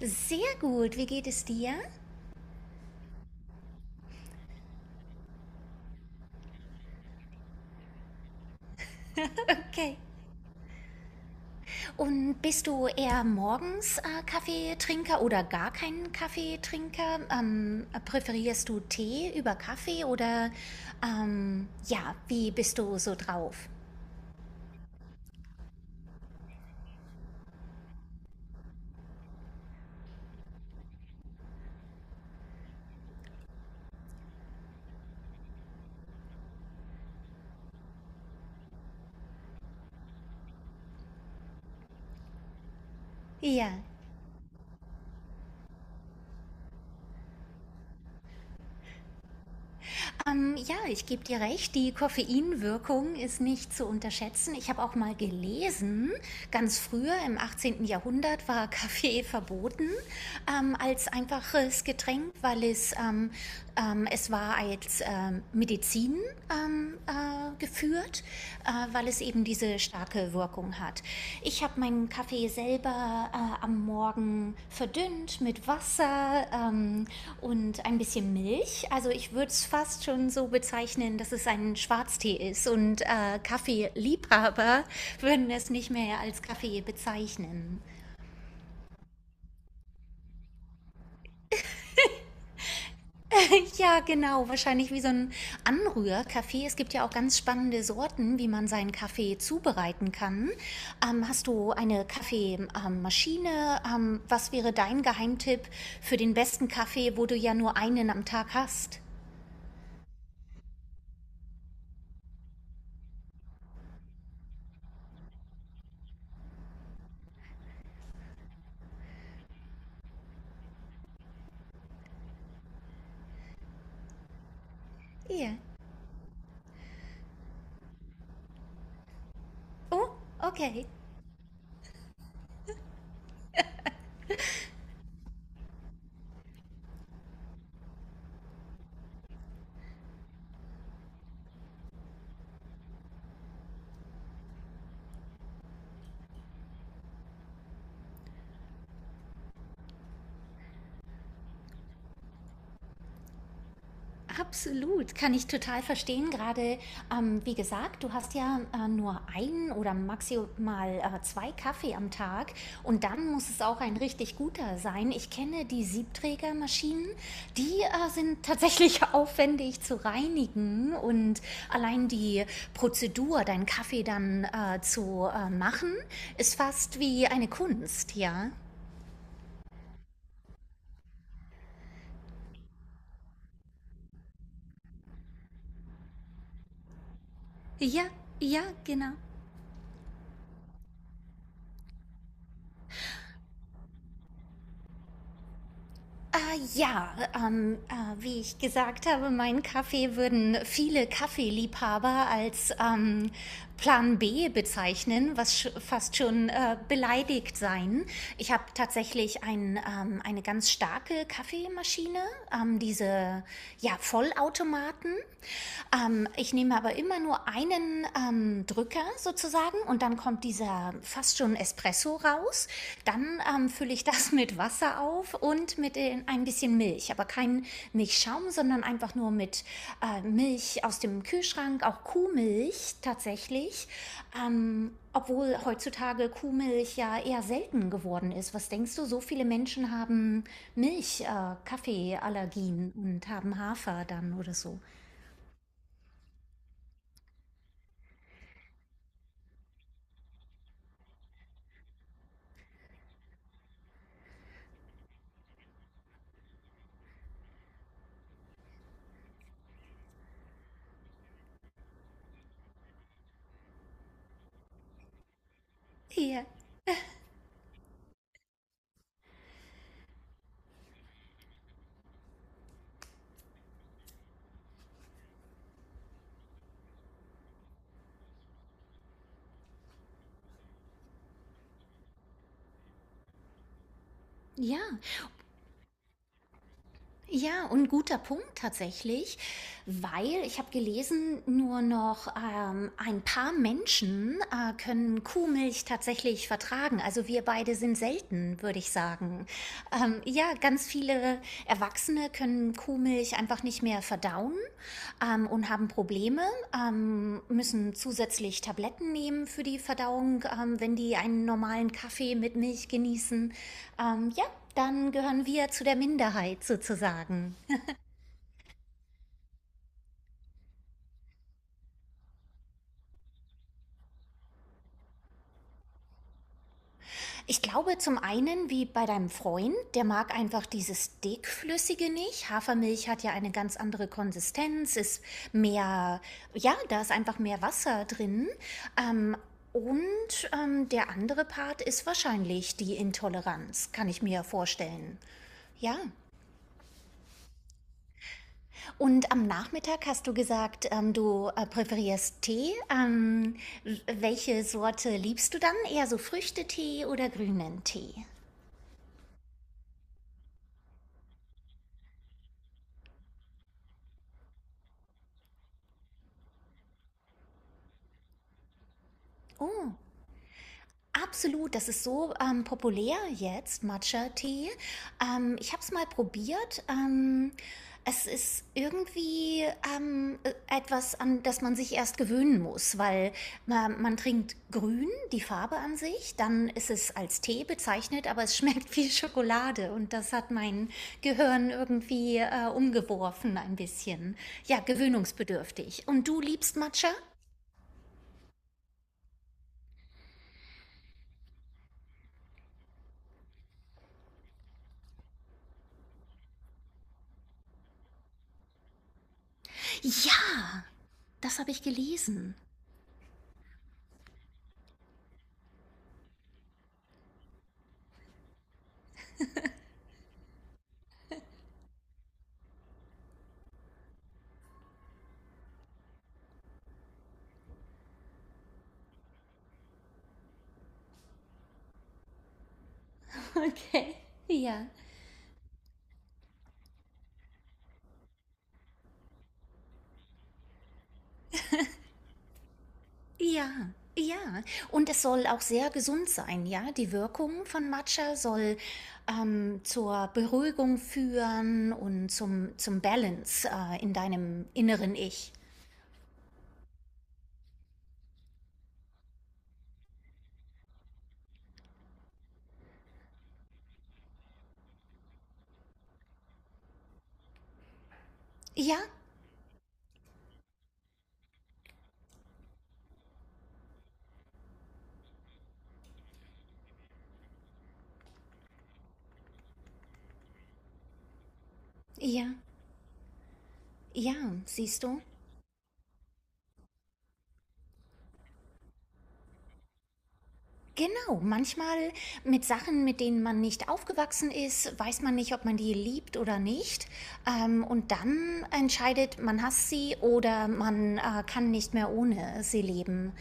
Sehr gut, wie geht es dir? Okay. Und bist du eher morgens Kaffeetrinker oder gar kein Kaffeetrinker? Präferierst du Tee über Kaffee oder ja, wie bist du so drauf? Ja. Ja, ich gebe dir recht, die Koffeinwirkung ist nicht zu unterschätzen. Ich habe auch mal gelesen, ganz früher im 18. Jahrhundert war Kaffee verboten, als einfaches Getränk, weil es war als Medizin geführt, weil es eben diese starke Wirkung hat. Ich habe meinen Kaffee selber am Morgen verdünnt mit Wasser und ein bisschen Milch. Also ich würde es fast schon so bezeichnen, dass es ein Schwarztee ist und Kaffeeliebhaber würden es nicht mehr als Kaffee bezeichnen. Ja, genau. Wahrscheinlich wie so ein Anrührkaffee. Es gibt ja auch ganz spannende Sorten, wie man seinen Kaffee zubereiten kann. Hast du eine Kaffeemaschine? Was wäre dein Geheimtipp für den besten Kaffee, wo du ja nur einen am Tag hast? Hier. Oh, okay. Absolut, kann ich total verstehen. Gerade, wie gesagt, du hast ja nur einen oder maximal zwei Kaffee am Tag, und dann muss es auch ein richtig guter sein. Ich kenne die Siebträgermaschinen, die sind tatsächlich aufwendig zu reinigen, und allein die Prozedur, deinen Kaffee dann zu machen, ist fast wie eine Kunst, ja? Ja, ja, genau. Ah, ja, ah, wie ich gesagt habe, meinen Kaffee würden viele Kaffeeliebhaber als Plan B bezeichnen, was sch fast schon beleidigt sein. Ich habe tatsächlich eine ganz starke Kaffeemaschine, diese ja, Vollautomaten. Ich nehme aber immer nur einen Drücker sozusagen, und dann kommt dieser fast schon Espresso raus. Dann fülle ich das mit Wasser auf und mit den, ein bisschen Milch. Aber kein Milchschaum, sondern einfach nur mit Milch aus dem Kühlschrank, auch Kuhmilch tatsächlich. Obwohl heutzutage Kuhmilch ja eher selten geworden ist. Was denkst du, so viele Menschen haben Kaffeeallergien und haben Hafer dann oder so? Ja. Ja, ja, und guter Punkt tatsächlich, weil ich habe gelesen, nur noch ein paar Menschen können Kuhmilch tatsächlich vertragen. Also wir beide sind selten, würde ich sagen. Ja, ganz viele Erwachsene können Kuhmilch einfach nicht mehr verdauen, und haben Probleme, müssen zusätzlich Tabletten nehmen für die Verdauung, wenn die einen normalen Kaffee mit Milch genießen. Ja, dann gehören wir zu der Minderheit sozusagen. Ich glaube zum einen, wie bei deinem Freund, der mag einfach dieses dickflüssige nicht. Hafermilch hat ja eine ganz andere Konsistenz, ist mehr, ja, da ist einfach mehr Wasser drin. Ähm, Der andere Part ist wahrscheinlich die Intoleranz, kann ich mir vorstellen. Ja. Und am Nachmittag hast du gesagt, du präferierst Tee. Welche Sorte liebst du dann? Eher so Früchtetee oder grünen Tee? Absolut, das ist so populär jetzt, Matcha-Tee. Ich habe es mal probiert. Es ist irgendwie etwas, an das man sich erst gewöhnen muss, weil man trinkt grün, die Farbe an sich, dann ist es als Tee bezeichnet, aber es schmeckt wie Schokolade, und das hat mein Gehirn irgendwie umgeworfen ein bisschen. Ja, gewöhnungsbedürftig. Und du liebst Matcha? Ja, das habe ich gelesen. Okay. Ja. Ja. Ja, und es soll auch sehr gesund sein, ja. Die Wirkung von Matcha soll zur Beruhigung führen und zum, zum Balance in deinem inneren Ich. Ja, ja, ja, siehst du? Genau, manchmal mit Sachen, mit denen man nicht aufgewachsen ist, weiß man nicht, ob man die liebt oder nicht. Und dann entscheidet, man hasst sie oder man kann nicht mehr ohne sie leben.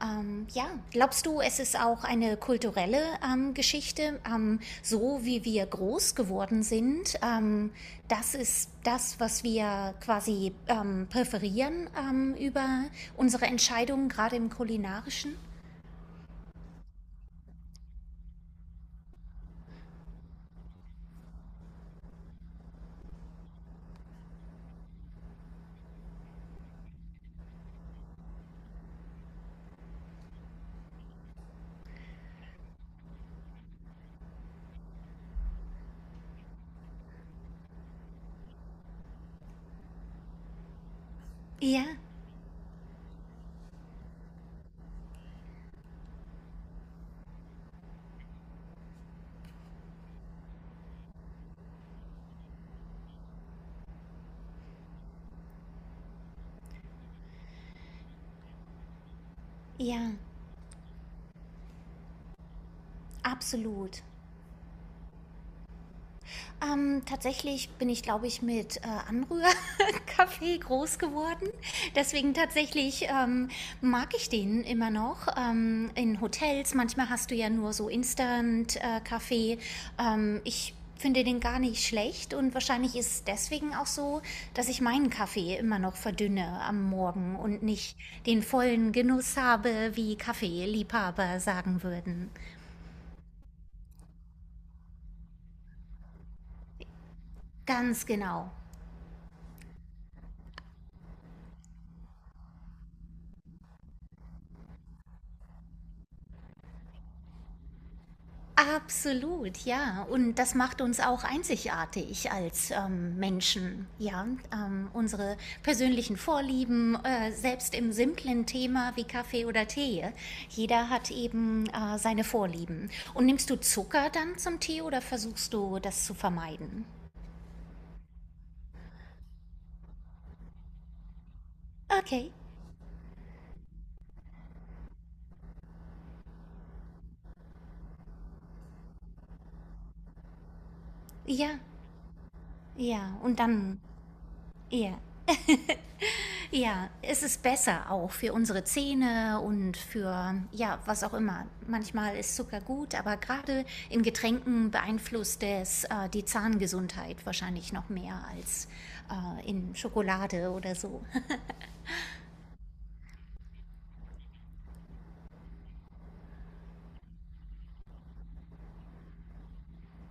Ja, glaubst du, es ist auch eine kulturelle Geschichte, so wie wir groß geworden sind? Das ist das, was wir quasi präferieren über unsere Entscheidungen, gerade im kulinarischen? Ja, ja. Absolut. Tatsächlich bin ich, glaube ich, mit Anrührkaffee groß geworden. Deswegen tatsächlich mag ich den immer noch. In Hotels, manchmal hast du ja nur so Instant-Kaffee. Ich finde den gar nicht schlecht, und wahrscheinlich ist es deswegen auch so, dass ich meinen Kaffee immer noch verdünne am Morgen und nicht den vollen Genuss habe, wie Kaffeeliebhaber sagen würden. Ganz genau. Absolut, ja. Und das macht uns auch einzigartig als Menschen. Ja, unsere persönlichen Vorlieben, selbst im simplen Thema wie Kaffee oder Tee. Jeder hat eben seine Vorlieben. Und nimmst du Zucker dann zum Tee oder versuchst du das zu vermeiden? Okay, ja, ja. Und dann, ja. Ja, es ist besser auch für unsere Zähne und für, ja, was auch immer. Manchmal ist Zucker gut, aber gerade in Getränken beeinflusst es die Zahngesundheit wahrscheinlich noch mehr als in Schokolade oder so.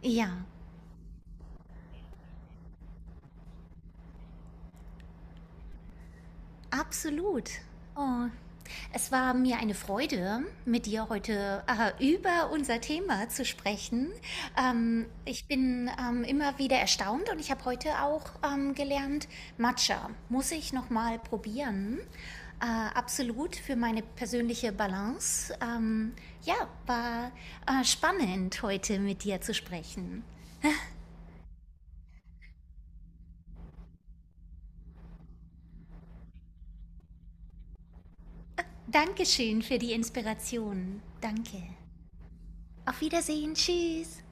Ja, absolut. Oh, es war mir eine Freude, mit dir heute über unser Thema zu sprechen. Ich bin immer wieder erstaunt, und ich habe heute auch gelernt, Matcha muss ich noch mal probieren. Äh, absolut für meine persönliche Balance. Ja, war spannend heute mit dir zu sprechen. Dankeschön für die Inspiration. Danke. Auf Wiedersehen. Tschüss.